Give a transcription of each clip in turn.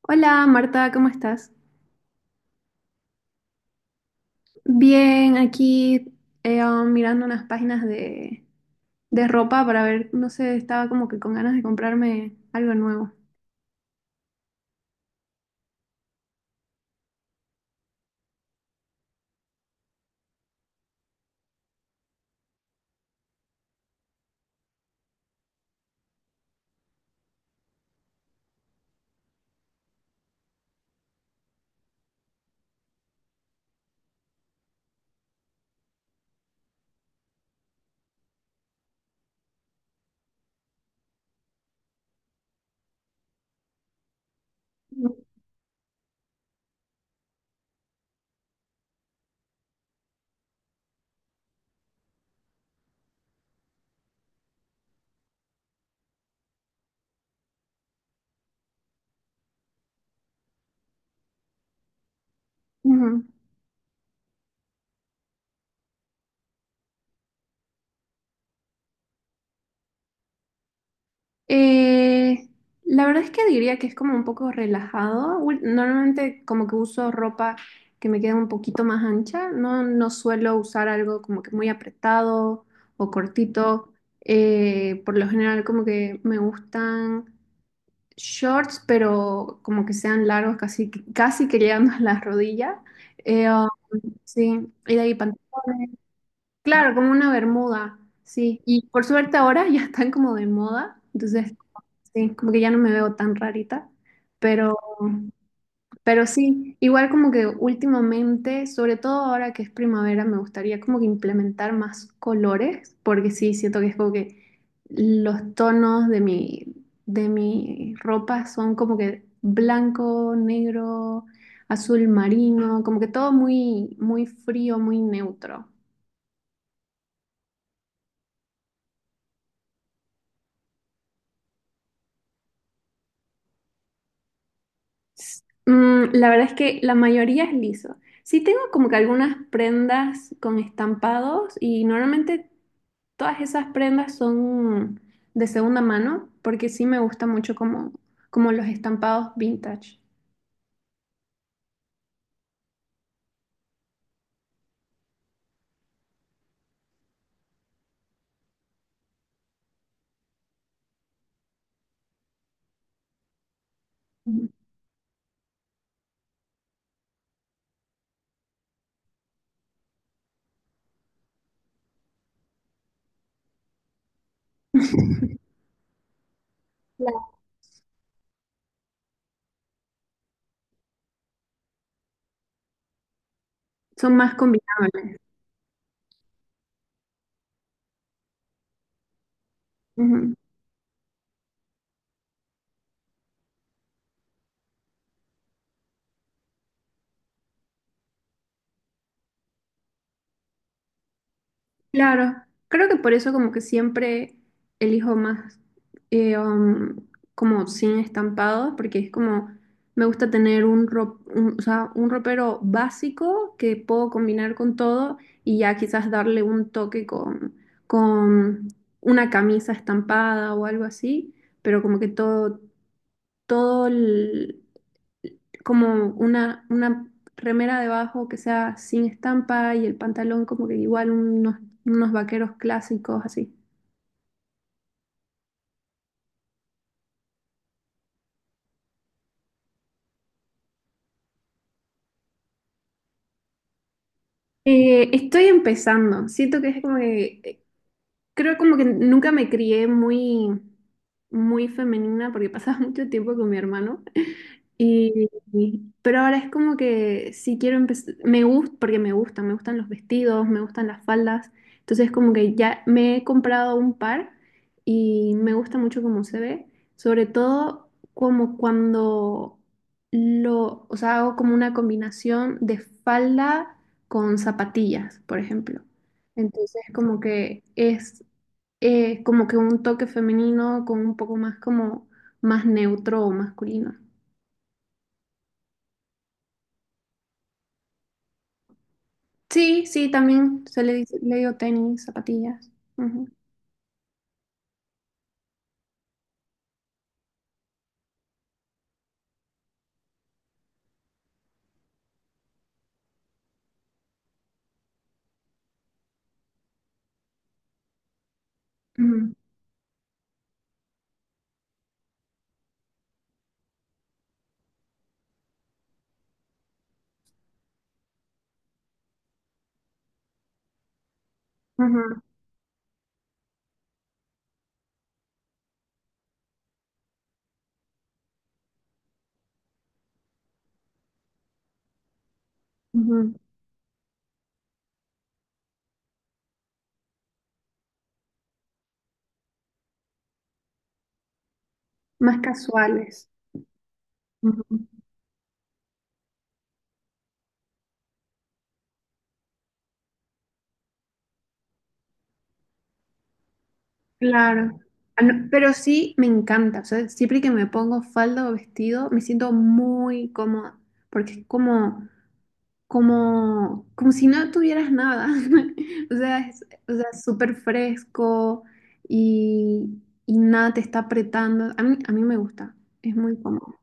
Hola Marta, ¿cómo estás? Bien, aquí mirando unas páginas de ropa para ver, no sé, estaba como que con ganas de comprarme algo nuevo. Ujú. Eh, la verdad es que diría que es como un poco relajado. Normalmente como que uso ropa que me queda un poquito más ancha. No, no suelo usar algo como que muy apretado o cortito. Por lo general como que me gustan... shorts, pero como que sean largos, casi, casi que llegando a la rodilla. Eh, um, sí, y de ahí pantalones. Claro, como una bermuda, sí. Y por suerte ahora ya están como de moda, entonces, sí, como que ya no me veo tan rarita, pero... Pero sí, igual como que últimamente, sobre todo ahora que es primavera, me gustaría como que implementar más colores, porque sí, siento que es como que los tonos de de mi ropa son como que blanco, negro, azul marino, como que todo muy, muy frío, muy neutro. Mm, la verdad es que la mayoría es liso. Sí tengo como que algunas prendas con estampados y normalmente todas esas prendas son de segunda mano porque sí me gusta mucho como los estampados vintage. Ujú. Claro. Son más combinables. Ujú. Claro, creo que por eso como que siempre elijo más eh, um, como sin estampados, porque es como me gusta tener un, o sea, un ropero básico que puedo combinar con todo y ya quizás darle un toque con una camisa estampada o algo así, pero como que todo, todo como una remera debajo que sea sin estampa y el pantalón como que igual unos, unos vaqueros clásicos así. Estoy empezando, siento que es como que, creo como que nunca me crié muy, muy femenina porque pasaba mucho tiempo con mi hermano. Y, pero ahora es como que sí quiero empezar, me gusta, porque me gusta, me gustan los vestidos, me gustan las faldas, entonces como que ya me he comprado un par y me gusta mucho cómo se ve, sobre todo como cuando o sea, hago como una combinación de falda con zapatillas, por ejemplo. Entonces como que es como que un toque femenino con un poco más como más neutro o masculino. Sí, sí, también se le dice, le digo tenis, zapatillas. Ujú, ujú, ujú, ujú. Más casuales. Ujú. Claro. Ah, no, pero sí me encanta. O sea, siempre que me pongo falda o vestido, me siento muy cómoda. Porque es como, como, como si no tuvieras nada. O sea, es súper fresco y nada te está apretando. A mí me gusta. Es muy cómodo.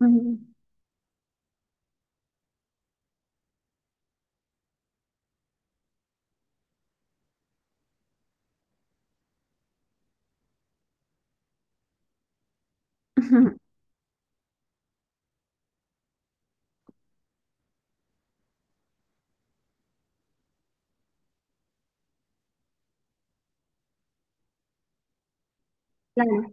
Ujú. Claro.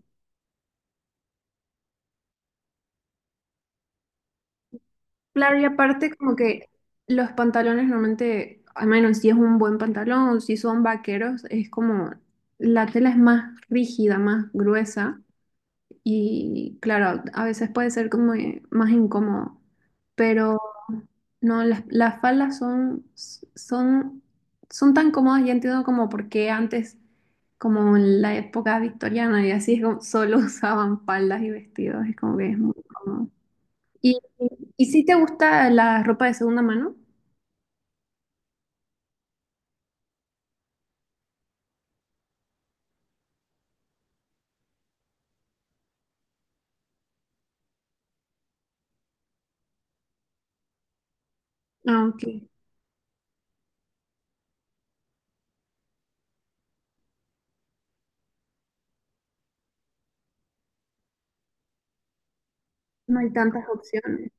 Claro, y aparte como que los pantalones normalmente, al menos si es un buen pantalón o si son vaqueros, es como la tela es más rígida, más gruesa y claro, a veces puede ser como más incómodo, pero no, las faldas son, son, son tan cómodas, ya entiendo como por qué antes, como en la época victoriana y así, es como solo usaban faldas y vestidos, es como que es muy cómodo. ¿Y, y si te gusta la ropa de segunda mano? Aunque no hay tantas opciones.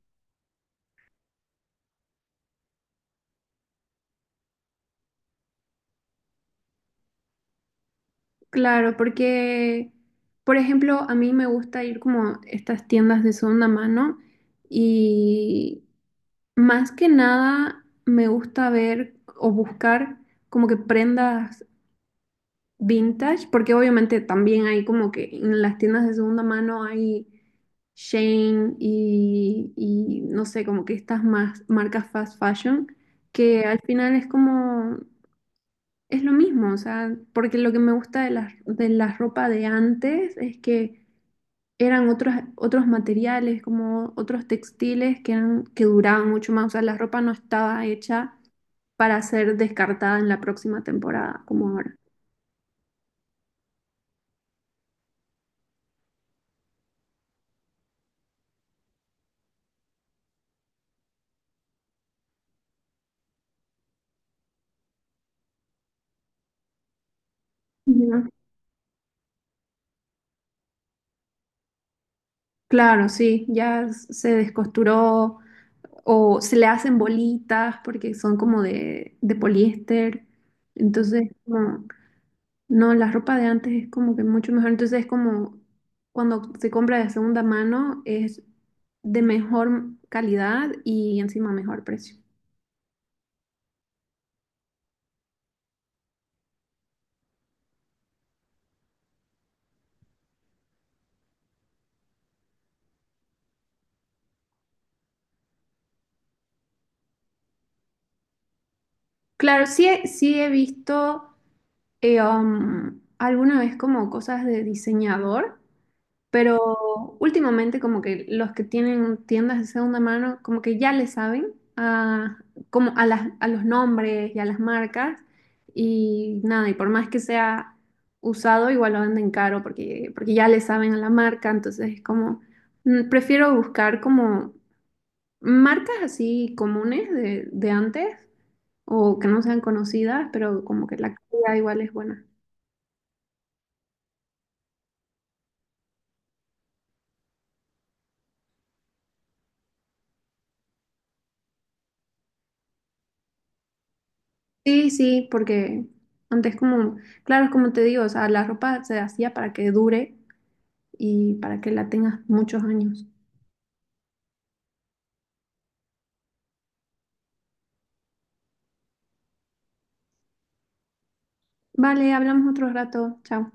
Claro, porque, por ejemplo, a mí me gusta ir como a estas tiendas de segunda mano y más que nada me gusta ver o buscar como que prendas vintage, porque obviamente también hay como que en las tiendas de segunda mano hay Shane y no sé, como que estas más marcas fast fashion, que al final es como es lo mismo, o sea, porque lo que me gusta de las de la ropa de antes es que eran otros, otros materiales, como otros textiles que eran, que duraban mucho más. O sea, la ropa no estaba hecha para ser descartada en la próxima temporada, como ahora. Ujú. Claro, sí, ya se descosturó o se le hacen bolitas porque son como de poliéster. Entonces, como no, la ropa de antes es como que mucho mejor. Entonces es como cuando se compra de segunda mano es de mejor calidad y encima mejor precio. Claro, sí, sí he visto alguna vez como cosas de diseñador. Pero últimamente como que los que tienen tiendas de segunda mano como que ya le saben a, como a a los nombres y a las marcas y nada, y por más que sea usado igual lo venden caro porque, porque ya le saben a la marca, entonces es como mm, prefiero buscar como marcas así comunes de antes o que no sean conocidas, pero como que la calidad igual es buena. Sí, sí, porque antes como, claro, es como te digo, o sea, la ropa se hacía para que dure y para que la tengas muchos años. Vale, hablamos otro rato. Chao.